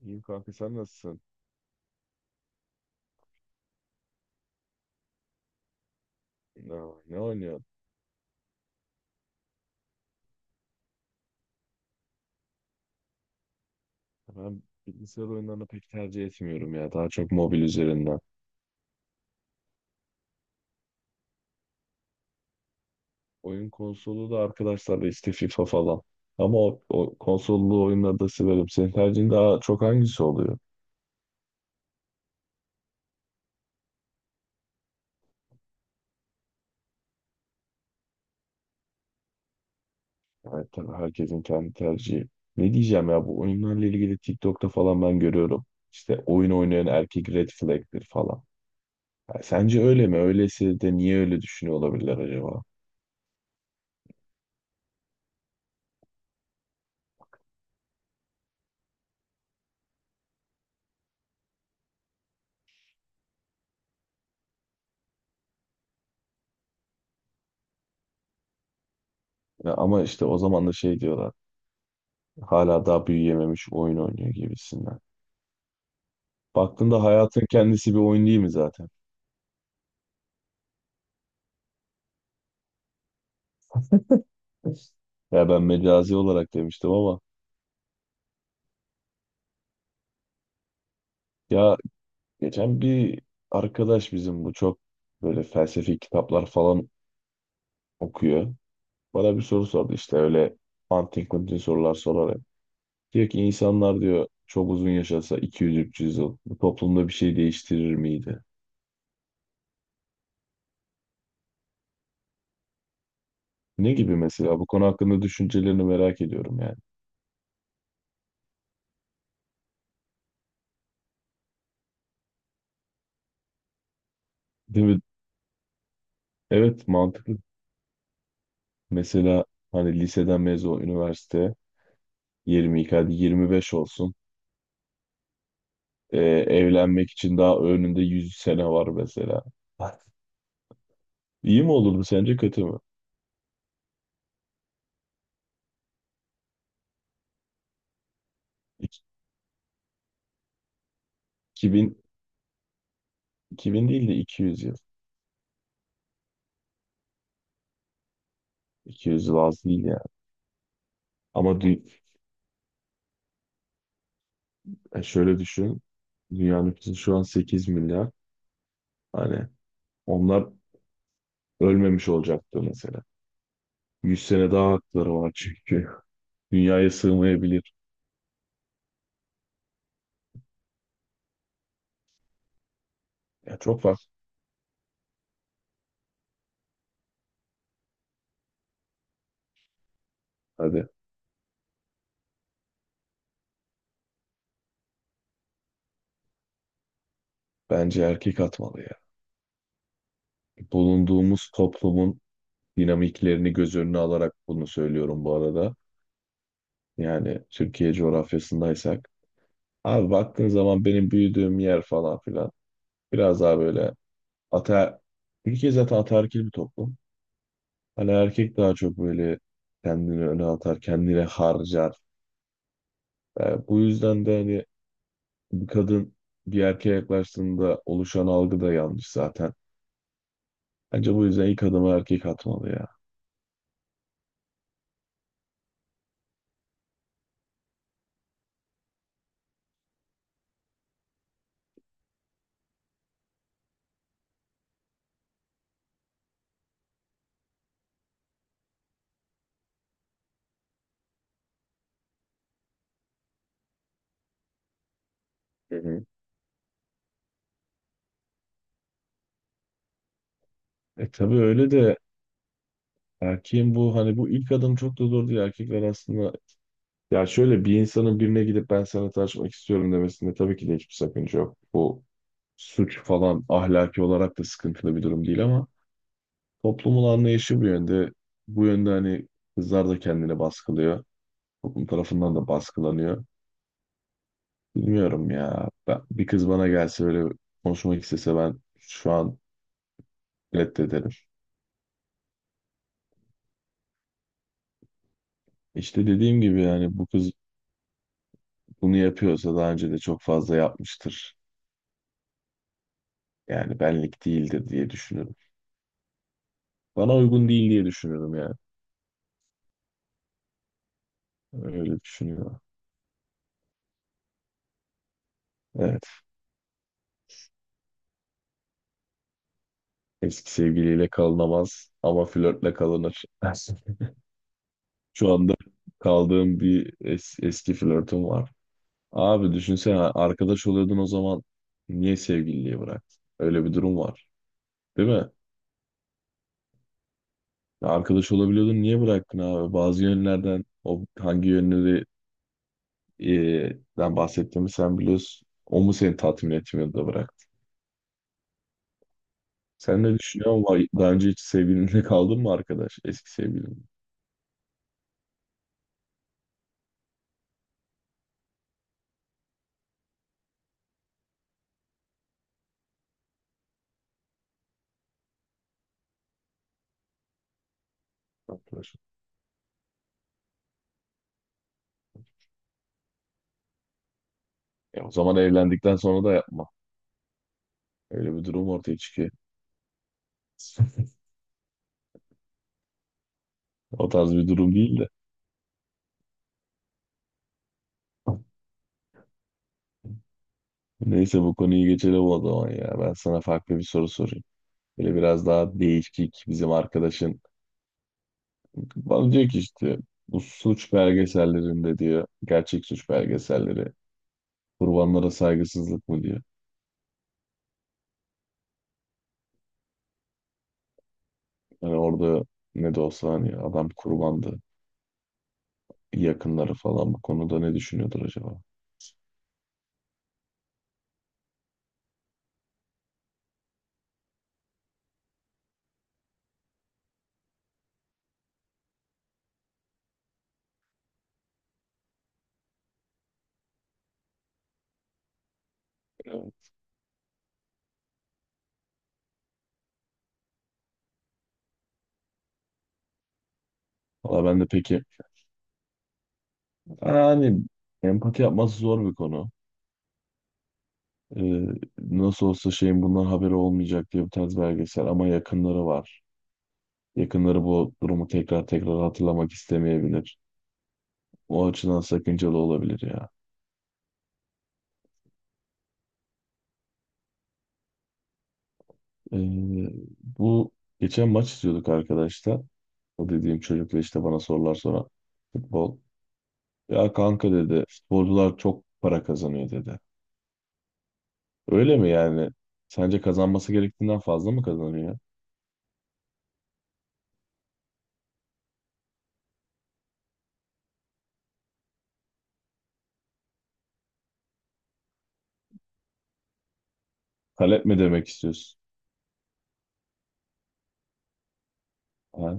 İyiyim kanka sen nasılsın? Ne, ne oynuyorsun? Ben bilgisayar oyunlarını pek tercih etmiyorum ya. Daha çok mobil üzerinden. Oyun konsolu da arkadaşlarla işte FIFA falan. Ama o konsollu oyunları da severim. Senin tercihin daha çok hangisi oluyor? Evet tabii herkesin kendi tercihi. Ne diyeceğim ya, bu oyunlarla ilgili TikTok'ta falan ben görüyorum. İşte oyun oynayan erkek red flag'tir falan. Ha, sence öyle mi? Öyleyse de niye öyle düşünüyor olabilirler acaba? Ya ama işte o zaman da şey diyorlar. Hala daha büyüyememiş, oyun oynuyor gibisinden. Baktığında hayatın kendisi bir oyun değil mi zaten? Ya ben mecazi olarak demiştim ama ya. Geçen bir arkadaş bizim, bu çok böyle felsefi kitaplar falan okuyor. Bana bir soru sordu işte öyle antin kuntin sorular sorarak. Diyor ki insanlar diyor çok uzun yaşasa 200-300 yıl bu toplumda bir şey değiştirir miydi? Ne gibi mesela, bu konu hakkında düşüncelerini merak ediyorum yani. Değil mi? Evet, mantıklı. Mesela hani liseden mezun üniversite 22, hadi 25 olsun. Ee, Evlenmek için daha önünde 100 sene var mesela. İyi mi olurdu sence kötü mü? İki- 2000, 2000 değil de 200 yıl. 200 yıl az değil yani. Ama dü- Şöyle düşün. Dünya nüfusu şu an 8 milyar. Hani onlar ölmemiş olacaktı mesela. 100 sene daha hakları var çünkü. Dünyaya sığmayabilir. Ya çok var. Hadi, bence erkek atmalı ya. Bulunduğumuz toplumun dinamiklerini göz önüne alarak bunu söylüyorum bu arada. Yani Türkiye coğrafyasındaysak. Abi baktığın zaman benim büyüdüğüm yer falan filan. Biraz daha böyle ater... Türkiye zaten ataerkil bir toplum. Hani erkek daha çok böyle kendini öne atar, kendine harcar. E, bu yüzden de hani bir kadın bir erkeğe yaklaştığında oluşan algı da yanlış zaten. Bence bu yüzden ilk adımı erkek atmalı ya. Hı hı. E tabii öyle de, erkeğin bu hani bu ilk adım çok da zor değil. Erkekler aslında. Ya şöyle, bir insanın birine gidip ben sana tanışmak istiyorum demesinde tabii ki de hiçbir sakınca yok. Bu suç falan, ahlaki olarak da sıkıntılı bir durum değil ama toplumun anlayışı bu yönde. Bu yönde hani kızlar da kendini baskılıyor. Toplum tarafından da baskılanıyor. Bilmiyorum ya. Ben, bir kız bana gelse öyle konuşmak istese, ben şu an reddederim. İşte dediğim gibi yani, bu kız bunu yapıyorsa daha önce de çok fazla yapmıştır. Yani benlik değildir diye düşünüyorum. Bana uygun değil diye düşünüyorum yani. Öyle düşünüyor. Evet. Eski sevgiliyle kalınamaz ama flörtle kalınır. Şu anda kaldığım bir eski flörtüm var. Abi düşünsene, arkadaş oluyordun o zaman niye sevgililiği bıraktın? Öyle bir durum var. Değil mi? Arkadaş olabiliyordun niye bıraktın abi? Bazı yönlerden, o hangi yönleri e, den bahsettiğimi sen biliyorsun. O mu seni tatmin etmiyordu da bıraktı? Sen ne düşünüyorsun? Vay, daha önce hiç sevgilinle kaldın mı arkadaş? Eski sevgilin. E, o zaman evlendikten sonra da yapma. Öyle bir durum ortaya çıkıyor. O tarz bir durum değil de. Neyse bu konuyu geçelim o zaman ya. Ben sana farklı bir soru sorayım. Böyle biraz daha değişik bizim arkadaşın. Bana diyor ki işte, bu suç belgesellerinde diyor. Gerçek suç belgeselleri. Kurbanlara saygısızlık mı diyor. Hani orada ne de olsa hani adam kurbandı. Yakınları falan bu konuda ne düşünüyordur acaba? Evet. Valla ben de peki. Yani hani empati yapması zor bir konu. Ee, Nasıl olsa şeyin bundan haberi olmayacak diye bir tarz belgesel ama yakınları var. Yakınları bu durumu tekrar tekrar hatırlamak istemeyebilir. O açıdan sakıncalı olabilir ya. Ee, Bu geçen maç izliyorduk arkadaşlar. O dediğim çocukla işte, bana sorular soran futbol. Ya kanka dedi, futbolcular çok para kazanıyor dedi. Öyle mi yani? Sence kazanması gerektiğinden fazla mı kazanıyor? Talep mi demek istiyorsun? Ha?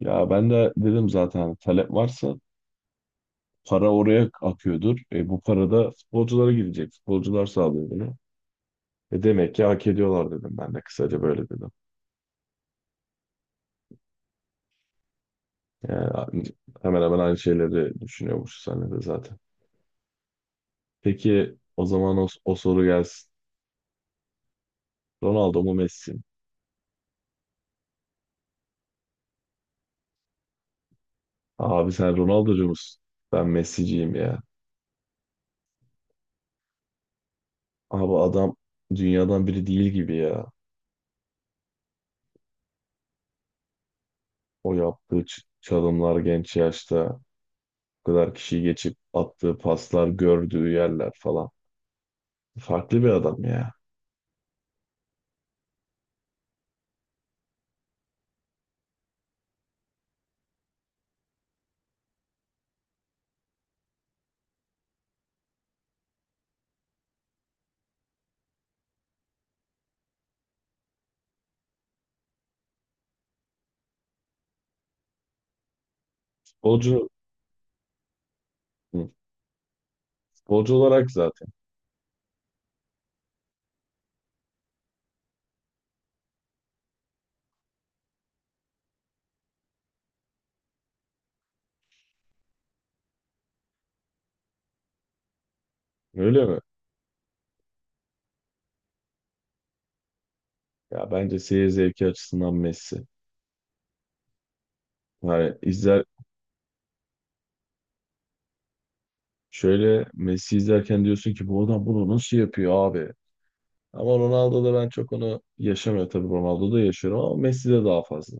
Ya ben de dedim zaten hani, talep varsa para oraya akıyordur. E, bu para da futbolculara gidecek. Futbolcular sağlıyor bunu. E, demek ki hak ediyorlar dedim ben de, kısaca böyle dedim. Yani hemen hemen aynı şeyleri düşünüyormuş sen de zaten. Peki o zaman o soru gelsin. Ronaldo mu Messi mi? Abi sen Ronaldo'cu musun? Ben Messi'ciyim ya. Abi adam dünyadan biri değil gibi ya. O yaptığı çalımlar genç yaşta, bu kadar kişiyi geçip attığı paslar, gördüğü yerler falan. Farklı bir adam ya. Futbolcu. Futbolcu olarak zaten. Öyle mi? Ya bence seyir zevki açısından Messi. Yani izler, şöyle Messi izlerken diyorsun ki bu adam bunu nasıl yapıyor abi? Ama Ronaldo'da ben çok onu yaşamıyor, tabii Ronaldo'da yaşıyorum ama Messi'de daha fazla.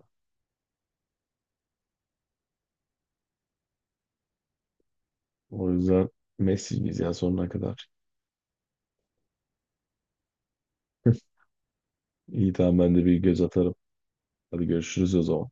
O yüzden Messi'yiz ya sonuna kadar. İyi tamam, ben de bir göz atarım. Hadi görüşürüz o zaman.